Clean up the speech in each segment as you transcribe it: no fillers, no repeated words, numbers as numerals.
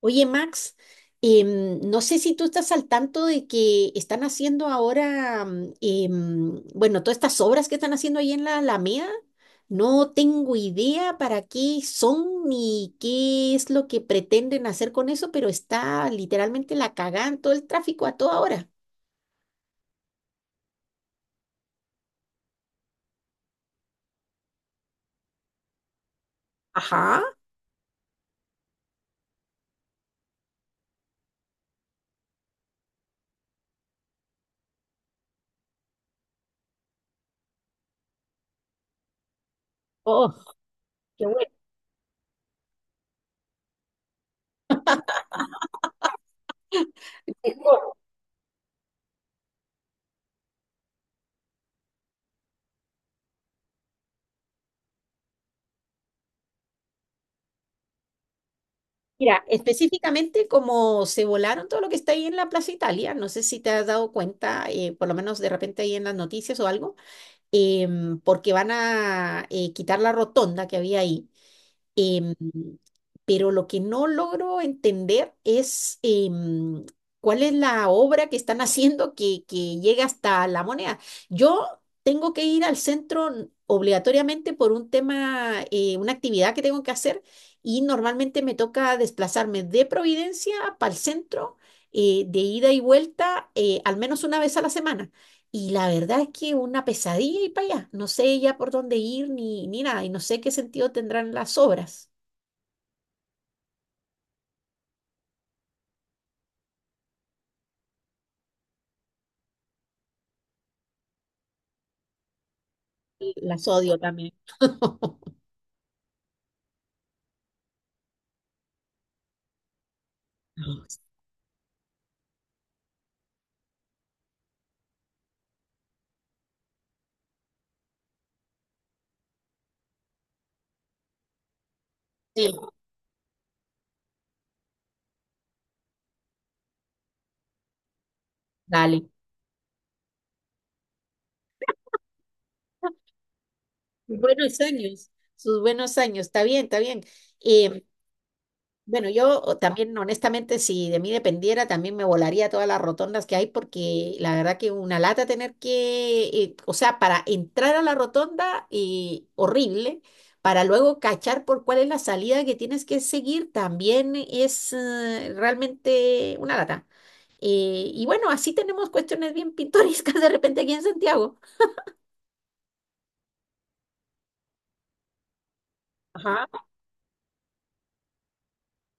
Oye, Max, no sé si tú estás al tanto de que están haciendo ahora, bueno, todas estas obras que están haciendo ahí en la Alameda, no tengo idea para qué son ni qué es lo que pretenden hacer con eso, pero está literalmente la cagada en todo el tráfico a toda hora. Ajá. Oh, qué bueno. Mira, específicamente como se volaron todo lo que está ahí en la Plaza Italia, no sé si te has dado cuenta, por lo menos de repente ahí en las noticias o algo, porque van a quitar la rotonda que había ahí. em, pero lo que no logro entender es cuál es la obra que están haciendo que llega hasta La Moneda. Yo tengo que ir al centro obligatoriamente por un tema, una actividad que tengo que hacer y normalmente me toca desplazarme de Providencia para el centro, de ida y vuelta, al menos una vez a la semana. Y la verdad es que una pesadilla y para allá. No sé ya por dónde ir ni, ni nada. Y no sé qué sentido tendrán las obras. Y las odio también. Sí, dale. Sus buenos años. Sus buenos años. Está bien, está bien. Em, Bueno, yo también, honestamente, si de mí dependiera, también me volaría todas las rotondas que hay, porque la verdad que una lata tener que, o sea, para entrar a la rotonda, y horrible, para luego cachar por cuál es la salida que tienes que seguir, también es realmente una lata. Y bueno, así tenemos cuestiones bien pintorescas de repente aquí en Santiago. Ajá.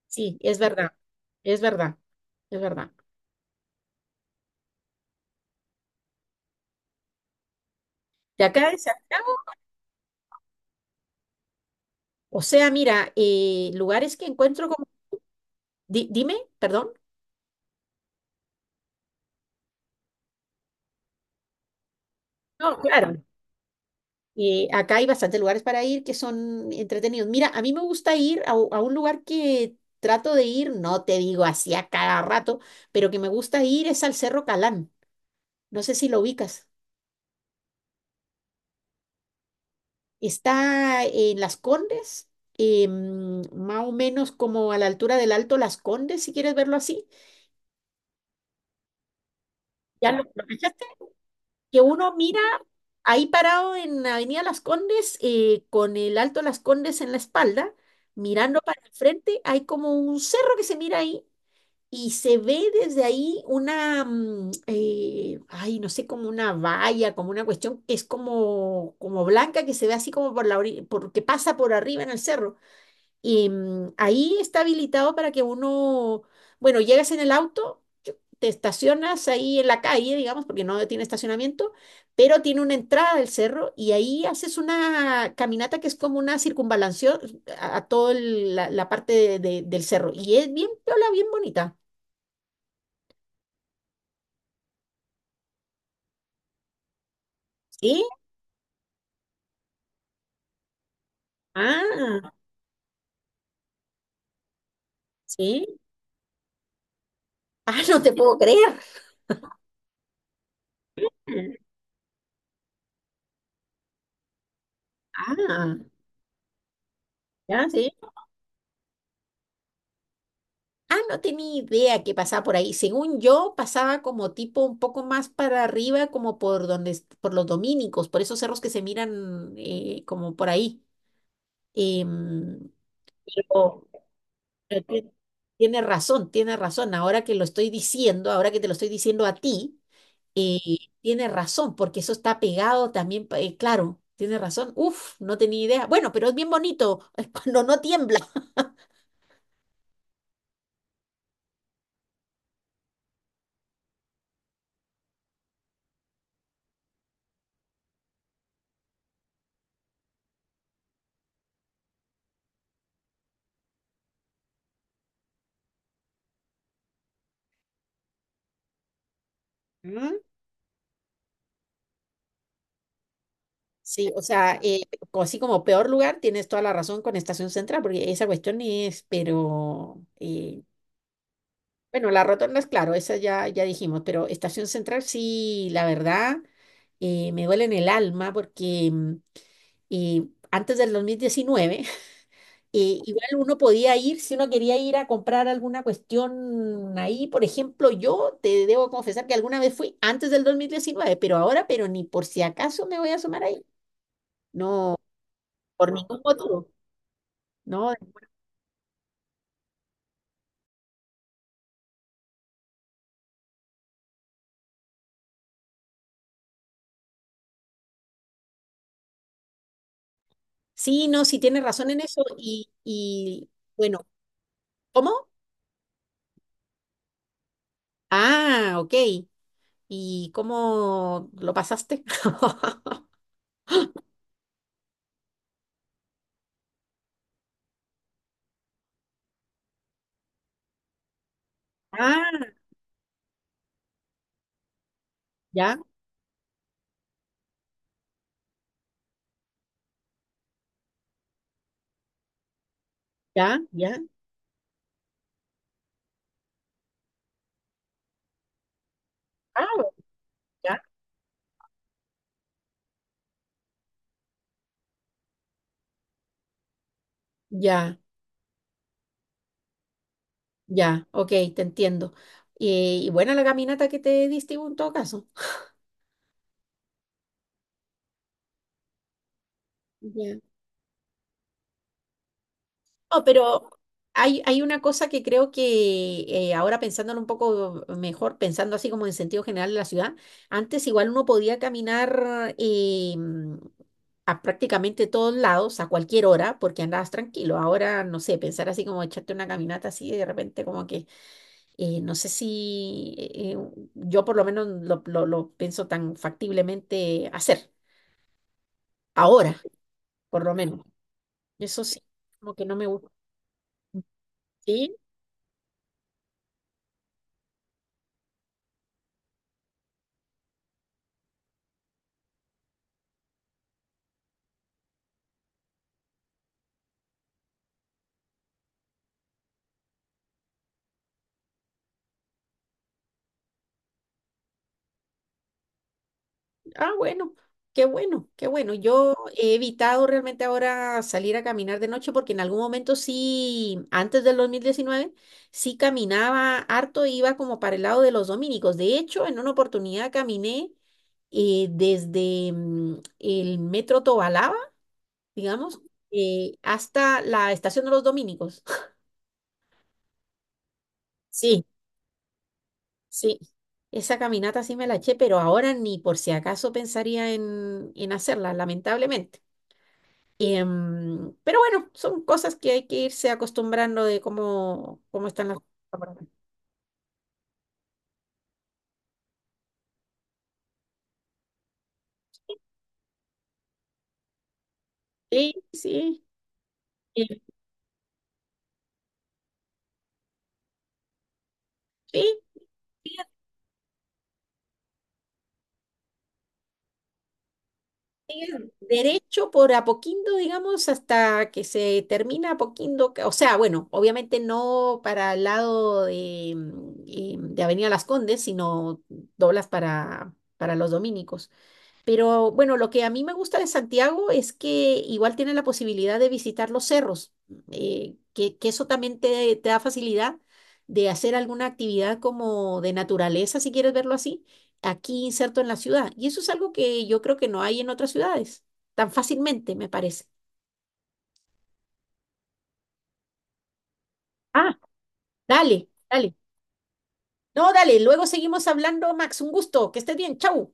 Sí, es verdad, es verdad, es verdad. De acá de Santiago. O sea, mira, lugares que encuentro como... dime, perdón. No, claro. Acá hay bastantes lugares para ir que son entretenidos. Mira, a mí me gusta ir a, a un lugar que trato de ir, no te digo así a cada rato, pero que me gusta ir es al Cerro Calán. No sé si lo ubicas. Está en Las Condes, más o menos como a la altura del Alto Las Condes, si quieres verlo así. ¿Ya lo cachaste? Que uno mira ahí parado en Avenida Las Condes, con el Alto Las Condes en la espalda, mirando para el frente, hay como un cerro que se mira ahí y se ve desde ahí una, ay, no sé, como una valla, como una cuestión como blanca que se ve así como por la orilla, porque pasa por arriba en el cerro. Y ahí está habilitado para que uno, bueno, llegas en el auto, te estacionas ahí en la calle, digamos, porque no tiene estacionamiento, pero tiene una entrada del cerro y ahí haces una caminata que es como una circunvalación a toda la parte del cerro. Y es bien piola, bien bonita. ¿Sí? Ah, sí. Ah, no te puedo creer. Ah, ya, sí. Ah, no tenía idea que pasaba por ahí. Según yo, pasaba como tipo un poco más para arriba, como por donde, por los dominicos, por esos cerros que se miran como por ahí. Em, pero, pero tiene razón, tiene razón. Ahora que lo estoy diciendo, ahora que te lo estoy diciendo a ti, eh, tiene razón, porque eso está pegado también, claro, tiene razón. Uf, no tenía idea. Bueno, pero es bien bonito cuando no tiembla. Sí, o sea, así como peor lugar, tienes toda la razón con Estación Central, porque esa cuestión es, pero bueno, la rotonda es claro, esa ya dijimos, pero Estación Central sí, la verdad, me duele en el alma porque antes del 2019, igual uno podía ir, si uno quería ir a comprar alguna cuestión ahí, por ejemplo, yo te debo confesar que alguna vez fui antes del dos mil diecinueve, pero ahora, pero ni por si acaso me voy a asomar ahí. No, por ningún motivo, ¿no? Sí, no, sí tiene razón en eso. Y bueno, ¿cómo? Ah, ok. ¿Y cómo lo pasaste? Ah, ya, ya, ya. Ah, bueno, ya. Ya, ya, ok, te entiendo. Y buena la caminata que te diste en todo caso. Ya. No, pero hay una cosa que creo que ahora pensándolo un poco mejor, pensando así como en sentido general de la ciudad, antes igual uno podía caminar a prácticamente todos lados a cualquier hora porque andabas tranquilo. Ahora, no sé, pensar así como echarte una caminata así de repente como que, no sé si yo por lo menos lo pienso tan factiblemente hacer, ahora, por lo menos. Eso sí, como que no me gusta. Ah, bueno, qué bueno, qué bueno. Yo he evitado realmente ahora salir a caminar de noche porque en algún momento sí, antes del 2019, sí caminaba harto, e iba como para el lado de los dominicos. De hecho, en una oportunidad caminé desde el metro Tobalaba, digamos, hasta la estación de los dominicos. Sí, sí. Esa caminata sí me la eché, pero ahora ni por si acaso pensaría en hacerla, lamentablemente. Pero bueno, son cosas que hay que irse acostumbrando de cómo, cómo están las cosas por acá. Sí, sí, sí, sí, sigue derecho por Apoquindo, digamos, hasta que se termina Apoquindo. O sea, bueno, obviamente no para el lado de, de Avenida Las Condes, sino doblas para los dominicos. Pero bueno, lo que a mí me gusta de Santiago es que igual tiene la posibilidad de visitar los cerros, que eso también te da facilidad de hacer alguna actividad como de naturaleza, si quieres verlo así, aquí inserto en la ciudad. Y eso es algo que yo creo que no hay en otras ciudades, tan fácilmente, me parece. Ah, dale, dale. No, dale, luego seguimos hablando, Max. Un gusto, que estés bien. Chau.